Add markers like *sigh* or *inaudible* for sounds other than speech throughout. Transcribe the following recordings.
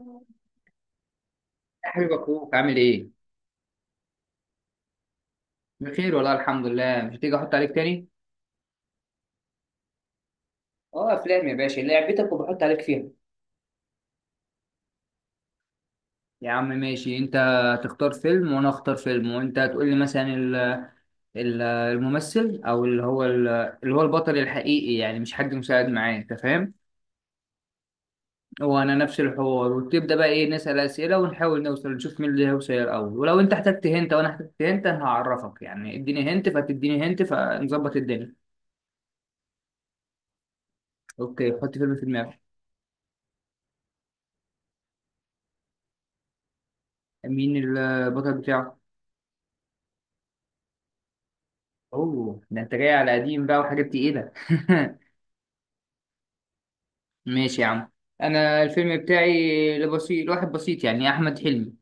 يا حبيب، اخوك عامل ايه؟ بخير والله، الحمد لله. مش هتيجي احط عليك تاني؟ اه، افلام يا باشا، لعبتك وبحط عليك فيها. يا عم ماشي. انت تختار فيلم وانا اختار فيلم، وانت تقول لي مثلا الممثل او اللي هو البطل الحقيقي، يعني مش حد مساعد معاه. انت فاهم؟ وانا نفس الحوار، وتبدا بقى ايه، نسال اسئله ونحاول نوصل، نشوف مين اللي هيوصل الاول. ولو انت احتجت هنت وانا احتجت هنت انا هعرفك، يعني اديني هنت فتديني هنت فنظبط الدنيا. اوكي، حط فيلم في دماغك. مين البطل بتاعه؟ اوه، ده انت جاي على قديم بقى وحاجات تقيلة. *laughs* ماشي يا عم. انا الفيلم بتاعي لواحد بسيط، يعني احمد حلمي.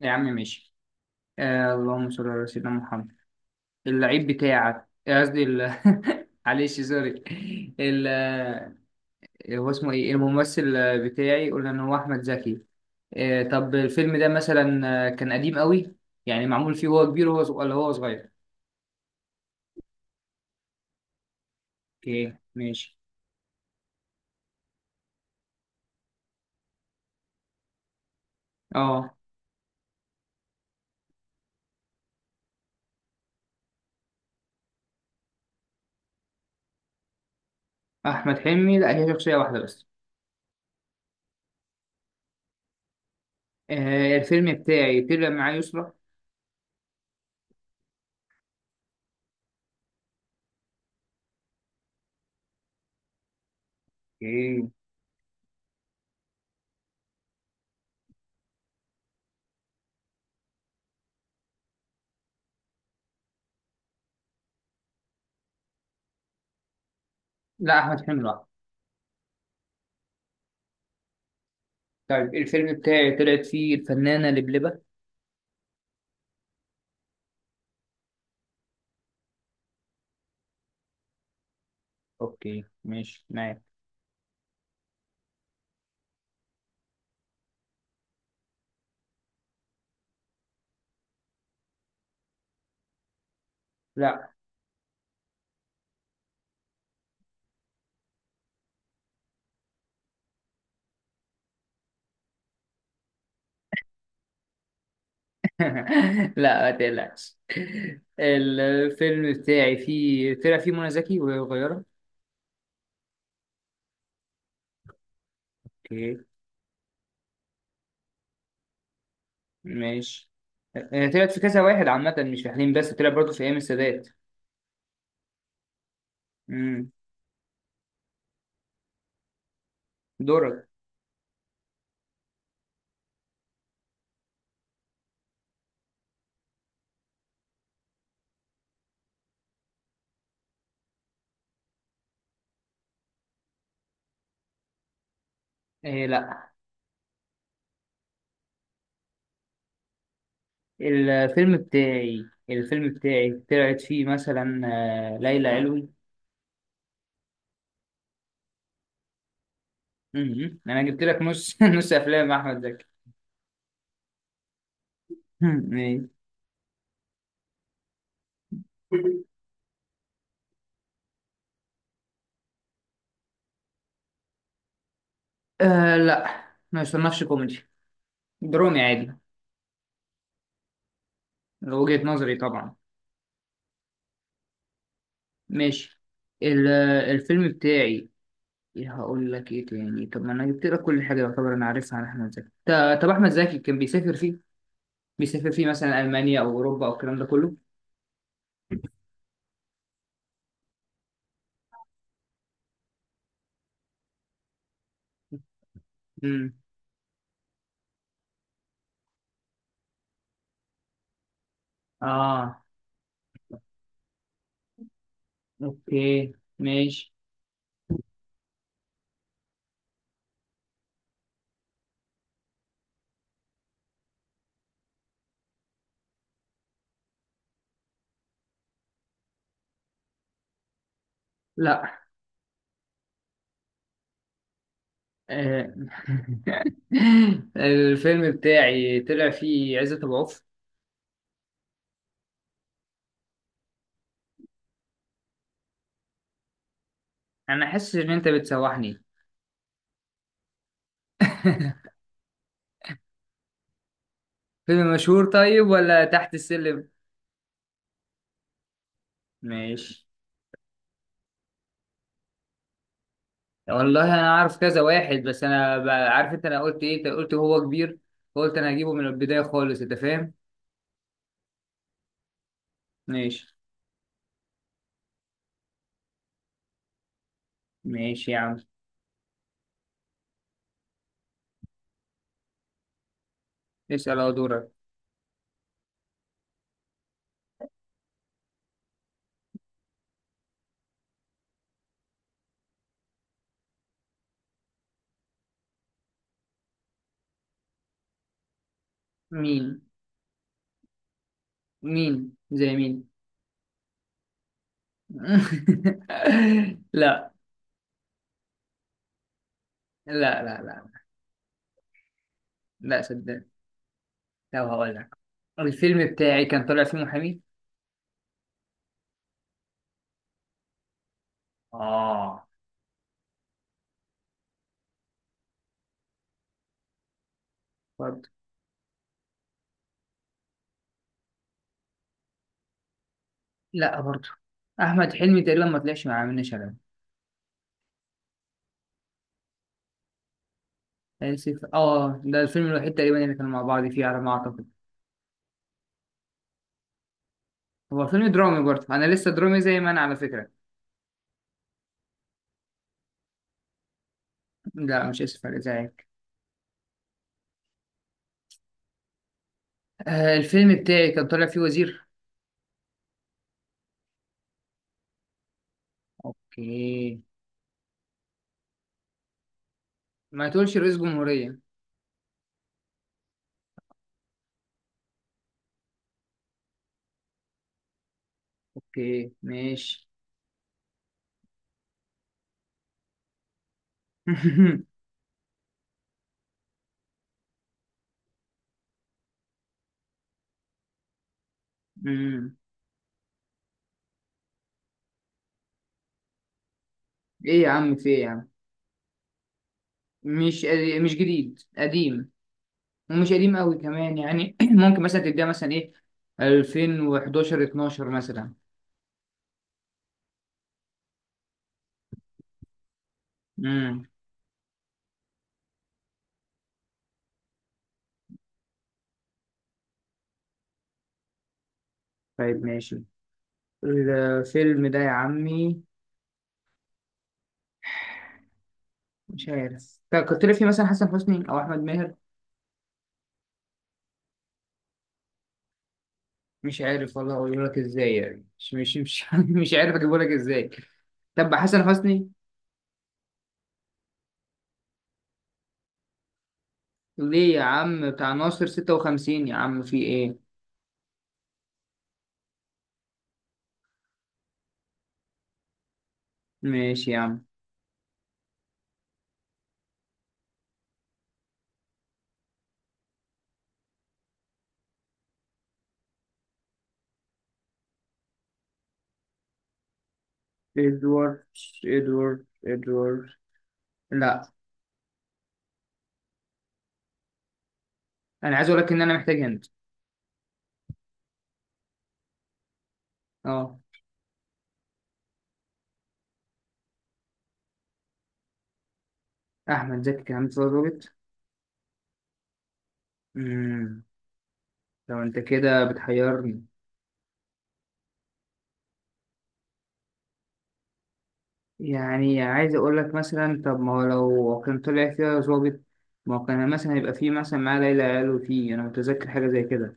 يا عم ماشي. اللهم صل على سيدنا محمد. اللعيب بتاعك، قصدي *laughs* معلش سوري. ال آه، هو اسمه ايه الممثل بتاعي؟ قلنا ان هو احمد زكي. طب الفيلم ده مثلا كان قديم قوي. يعني معمول فيه وهو كبير، وهو ولا هو صغير؟ اوكي ماشي. اه، أحمد حلمي لا، هي شخصية واحدة بس. الفيلم بتاعي طلع معاه يسرا. اوكي. لا، أحمد حلمي لوحده. طيب الفيلم بتاعي طلعت فيه الفنانة لبلبة. اوكي ماشي معاك. لا. *laughs* لا ما تقلقش. الفيلم بتاعي فيه، طلع فيه منى زكي وهي صغيرة. اوكي ماشي. طلعت في كذا واحد عامة، مش في حليم بس، طلع برضه في أيام السادات. مم. دورك. إيه، لا. الفيلم بتاعي طلعت فيه مثلا ليلى علوي. مم. انا جبت لك نص *laughs* نص افلام احمد زكي. *laughs* مم. إيه. آه، لا ما يصنفش كوميدي، درامي عادي. وجهة نظري طبعا. ماشي. ال- الفيلم بتاعي، هقول لك ايه تاني، طب ما انا جبت لك كل حاجه يعتبر انا عارفها عن احمد زكي. طب احمد زكي كان بيسافر فيه مثلا المانيا او اوروبا او الكلام ده كله. امم. اه، اوكي ماشي. لا. آه، *laughs* الفيلم بتاعي طلع فيه عزت أبو عوف. أنا حاسس إن أنت بتسوحني. *laughs* فيلم مشهور طيب ولا تحت السلم؟ ماشي. والله أنا عارف كذا واحد بس، أنا عارف. أنت أنا قلت إيه، أنت قلت هو كبير، قلت أنا هجيبه من البداية خالص. أنت فاهم؟ ماشي. ماشي يا عم. اسأل، أهو دورك. مين؟ مين زي مين؟ *laughs* لا لا لا لا. لا، صدقني. لو هقول لك، الفيلم بتاعي كان طالع فيه محامي. اه. برضه. لا، برضه. احمد حلمي تقريبا ما طلعش مع منة شلبي. اسف، اه، ده الفيلم الوحيد تقريبا اللي كانوا مع بعض فيه على ما اعتقد. هو فيلم درامي برضه، انا لسه درامي زي ما انا، على فكره. لا، مش اسف على ازعاجك. الفيلم بتاعي كان طالع فيه وزير. اوكي. ما تقولش رئيس جمهوريه. اوكي ماشي. *laughs* مم. ايه يا عم في ايه يا عم؟ مش مش جديد، قديم. ومش قديم قوي كمان، يعني *clears throat* ممكن مثلا تديها مثلا ايه، 2011، 12 مثلا. امم. طيب ماشي. الفيلم ده يا عمي، مش عارف، طب كنت لي فيه مثلا حسن حسني او احمد ماهر. مش عارف والله، اقول لك ازاي يعني، مش مش مش, *laughs* مش عارف اجيبه لك ازاي. طب حسن حسني، ليه يا عم، بتاع ناصر 56، يا عم في ايه. ماشي يا عم. ادوارد، ادوارد، ادوارد. لا. انا عايز اقول لك ان انا محتاج هند. اه، احمد زكي كان عامل فيلم. امم. طب انت كده بتحيرني. يعني عايز اقول لك مثلا، طب ما هو لو كان طلع فيها ظابط، ما هو كان مثلا يبقى فيه مثلا معاه ليلى قالوا فيه، انا متذكر حاجه زي كده.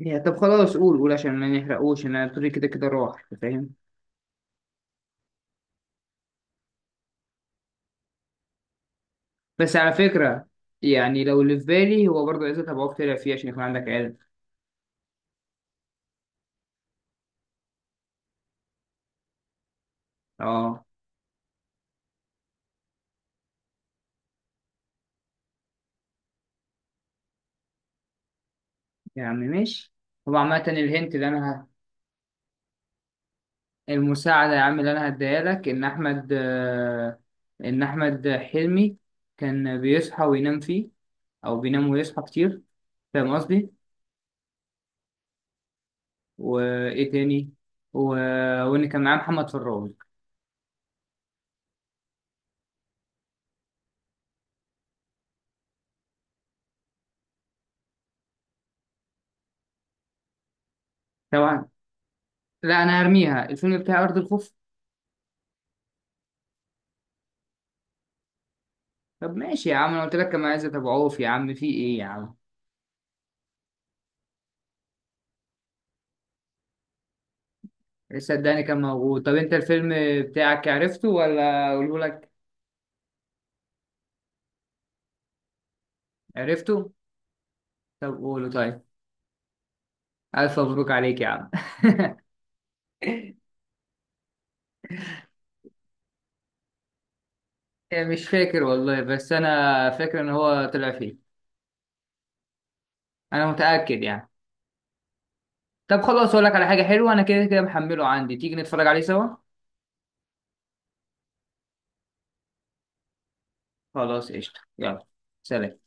يا طب خلاص، قول قول عشان ما نحرقوش، انا الطريق كده كده راح. أنت فاهم؟ بس على فكره، يعني لو اللي في بالي هو برضه، عايز ابقى طلع فيه عشان يكون عندك علم. اه. يعني ماشي. هو عامه الهنت اللي انا. المساعدة يا عم اللي أنا هديها لك، إن أحمد آه، إن أحمد حلمي كان بيصحى وينام فيه، أو بينام ويصحى كتير. فاهم قصدي؟ وإيه تاني؟ و... وإن كان معاه محمد فراج. طبعا. لا، أنا هرميها، الفيلم بتاع أرض الخوف. طب ماشي يا عم، أنا قلت لك كان معاه عزت أبو عوف، يا عم في إيه يا عم؟ صدقني كان موجود. طب أنت الفيلم بتاعك عرفته ولا أقوله لك؟ عرفته؟ طب قوله طيب. ألف مبروك عليك يا عم. *laughs* يعني مش فاكر والله، بس انا فاكر ان هو طلع فيه، انا متاكد يعني. طب خلاص، اقول لك على حاجه حلوه، انا كده كده محمله عندي، تيجي نتفرج عليه سوا. خلاص قشطه، يلا سلام.